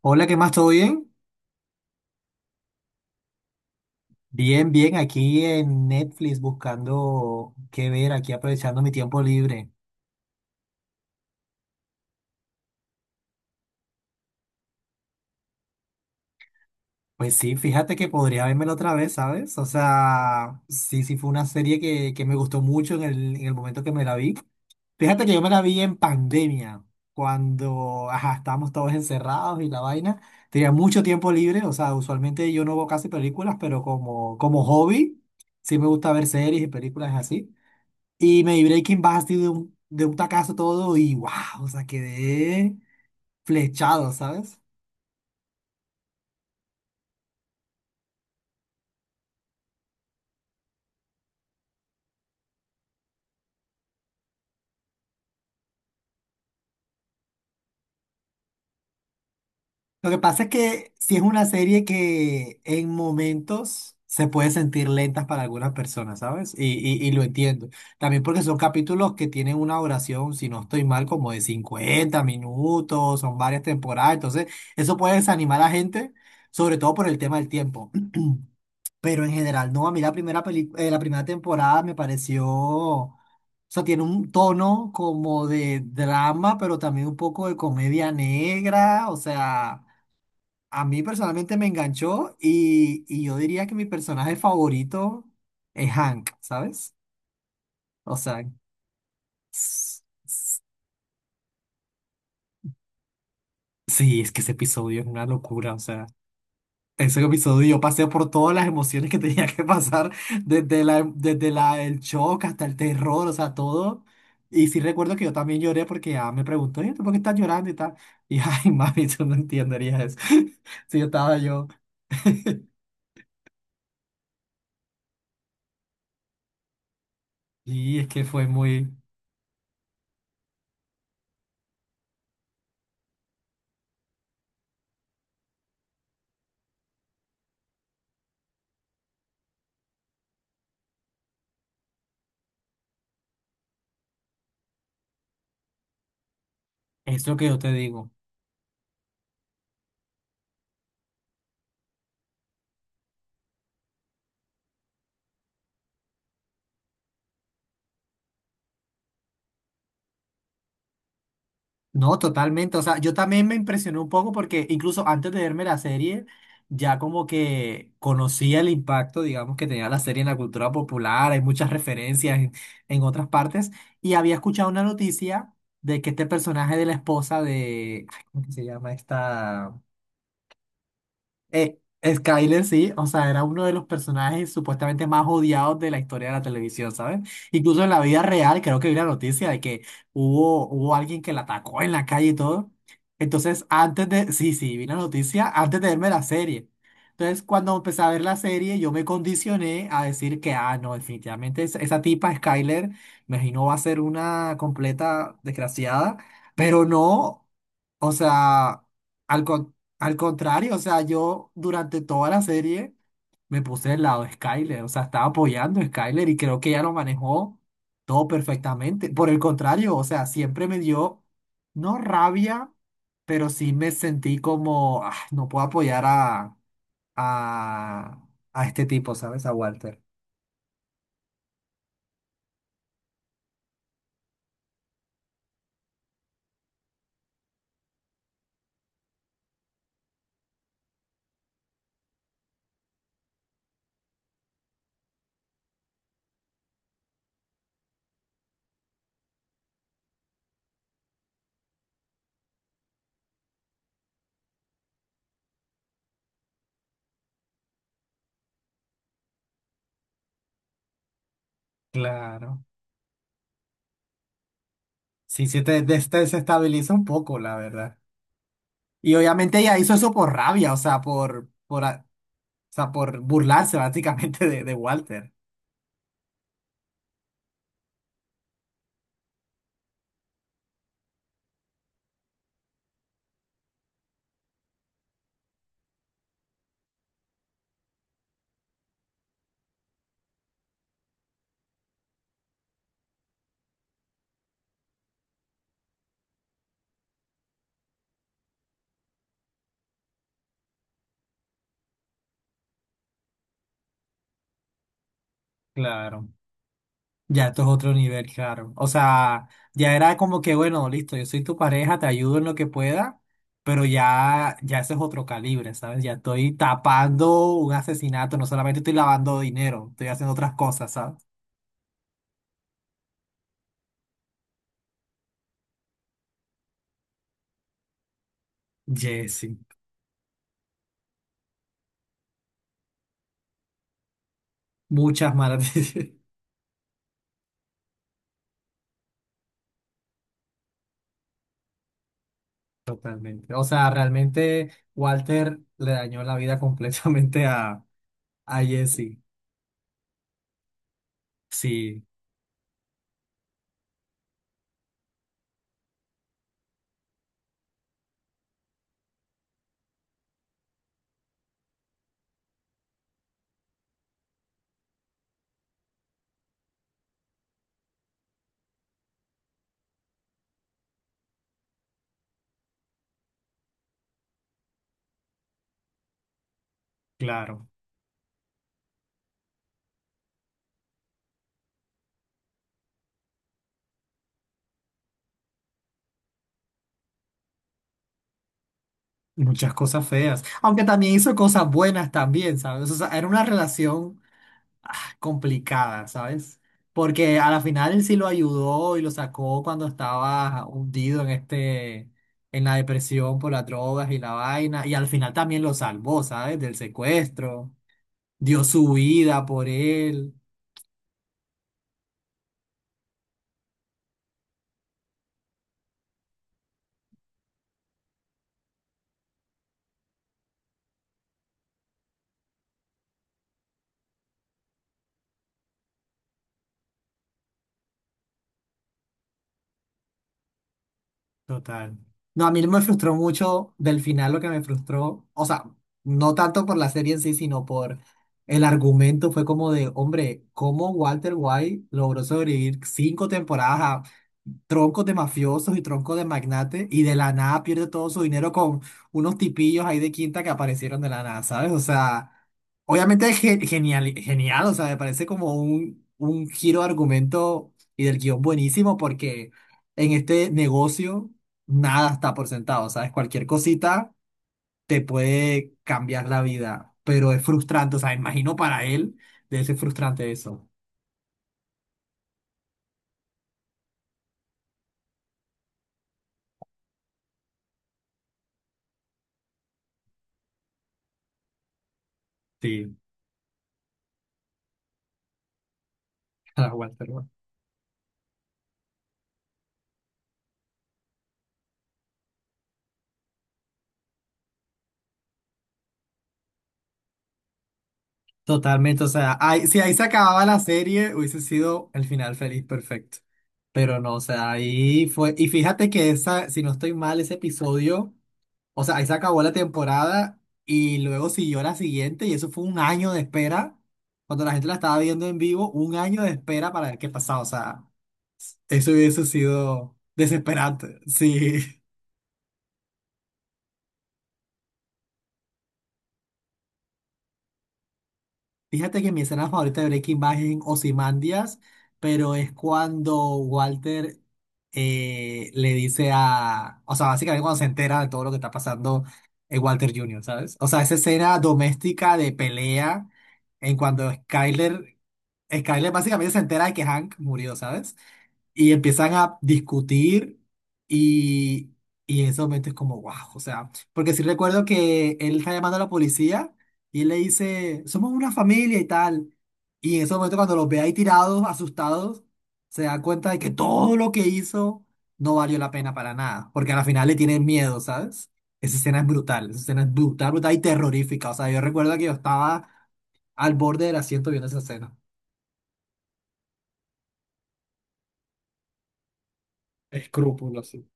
Hola, ¿qué más? ¿Todo bien? Bien, bien, aquí en Netflix buscando qué ver, aquí aprovechando mi tiempo libre. Pues sí, fíjate que podría vérmelo otra vez, ¿sabes? O sea, sí, sí fue una serie que me gustó mucho en el momento que me la vi. Fíjate que yo me la vi en pandemia, cuando, ajá, estábamos todos encerrados y la vaina. Tenía mucho tiempo libre, o sea, usualmente yo no veo casi películas, pero como hobby, sí me gusta ver series y películas así. Y me di Breaking Bad así de un tacazo todo y wow, o sea, quedé flechado, ¿sabes? Lo que pasa es que sí es una serie que en momentos se puede sentir lentas para algunas personas, ¿sabes? Y lo entiendo. También porque son capítulos que tienen una duración si no estoy mal, como de 50 minutos, son varias temporadas, entonces eso puede desanimar a la gente, sobre todo por el tema del tiempo. Pero en general, no, a mí la primera temporada me pareció, o sea, tiene un tono como de drama, pero también un poco de comedia negra, o sea, a mí personalmente me enganchó y yo diría que mi personaje favorito es Hank, ¿sabes? O sea, s- s- sí, es que ese episodio es una locura, o sea. Ese episodio yo pasé por todas las emociones que tenía que pasar, desde el shock hasta el terror, o sea, todo. Y sí recuerdo que yo también lloré porque ya me preguntó, "Oye, ¿tú por qué estás llorando y tal?" Y ay, mami, tú no entenderías eso. Sí, yo estaba yo. Y es que fue muy, es lo que yo te digo. No, totalmente. O sea, yo también me impresioné un poco porque incluso antes de verme la serie, ya como que conocía el impacto, digamos, que tenía la serie en la cultura popular. Hay muchas referencias en otras partes. Y había escuchado una noticia de que este personaje de la esposa de, ay, ¿cómo que se llama esta? Eh, Skyler sí, o sea, era uno de los personajes supuestamente más odiados de la historia de la televisión, ¿sabes? Incluso en la vida real, creo que vi la noticia de que hubo alguien que la atacó en la calle y todo. Entonces, antes de, sí, sí, vi la noticia antes de verme la serie. Entonces, cuando empecé a ver la serie, yo me condicioné a decir que, ah, no, definitivamente esa tipa, Skyler, me imagino va a ser una completa desgraciada, pero no, o sea. Al, con- al contrario, o sea, yo durante toda la serie me puse del lado de Skyler, o sea, estaba apoyando a Skyler y creo que ella lo manejó todo perfectamente. Por el contrario, o sea, siempre me dio, no rabia, pero sí me sentí como, "Ah, no puedo apoyar a, a este tipo, ¿sabes? A Walter." Claro. Sí, sí, te desestabiliza un poco, la verdad. Y obviamente ella hizo eso por rabia, o sea, por o sea, por burlarse básicamente de Walter. Claro, ya esto es otro nivel, claro. O sea, ya era como que, bueno, listo, yo soy tu pareja, te ayudo en lo que pueda, pero ya, ya ese es otro calibre, ¿sabes? Ya estoy tapando un asesinato, no solamente estoy lavando dinero, estoy haciendo otras cosas, ¿sabes? Jesse, muchas malas decisiones. Totalmente. O sea, realmente Walter le dañó la vida completamente a Jesse. Sí, claro. Muchas cosas feas, aunque también hizo cosas buenas también, ¿sabes? O sea, era una relación complicada, ¿sabes? Porque a la final él sí lo ayudó y lo sacó cuando estaba hundido en la depresión por las drogas y la vaina, y al final también lo salvó, ¿sabes? Del secuestro, dio su vida por él. Total. No, a mí me frustró mucho del final lo que me frustró, o sea, no tanto por la serie en sí, sino por el argumento, fue como de, hombre, ¿cómo Walter White logró sobrevivir cinco temporadas troncos de mafiosos y troncos de magnates y de la nada pierde todo su dinero con unos tipillos ahí de quinta que aparecieron de la nada, ¿sabes? O sea, obviamente es genial, genial, o sea, me parece como un giro de argumento y del guión buenísimo porque en este negocio nada está por sentado, ¿sabes? Cualquier cosita te puede cambiar la vida, pero es frustrante, o sea, imagino para él debe ser frustrante eso. Sí, para Walter. ¿No? Totalmente, o sea, si ahí se acababa la serie, hubiese sido el final feliz perfecto. Pero no, o sea, ahí fue. Y fíjate que esa, si no estoy mal, ese episodio, o sea, ahí se acabó la temporada y luego siguió la siguiente, y eso fue un año de espera. Cuando la gente la estaba viendo en vivo, un año de espera para ver qué pasaba. O sea, eso hubiese sido desesperante. Sí. Fíjate que mi escena favorita de Breaking Bad es en Ozymandias, pero es cuando Walter le dice a. O sea, básicamente cuando se entera de todo lo que está pasando Walter Jr., ¿sabes? O sea, esa escena doméstica de pelea en cuando Skyler. Skyler básicamente se entera de que Hank murió, ¿sabes? Y empiezan a discutir y, y en ese momento es como, wow, o sea, porque sí recuerdo que él está llamando a la policía y él le dice, somos una familia y tal. Y en ese momento cuando los ve ahí tirados, asustados, se da cuenta de que todo lo que hizo no valió la pena para nada, porque al final le tienen miedo, ¿sabes? Esa escena es brutal, esa escena es brutal, brutal y terrorífica. O sea, yo recuerdo que yo estaba al borde del asiento viendo esa escena. Escrúpulos, sí.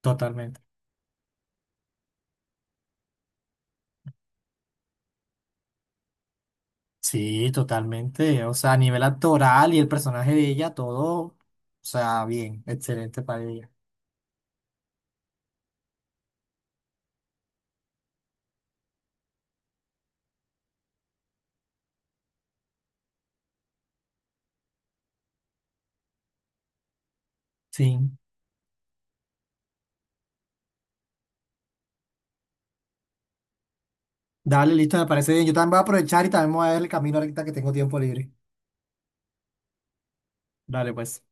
Totalmente. Sí, totalmente. O sea, a nivel actoral y el personaje de ella, todo, o sea, bien, excelente para ella. Sí. Dale, listo, me parece bien. Yo también voy a aprovechar y también voy a ver El Camino ahorita que tengo tiempo libre. Dale, pues.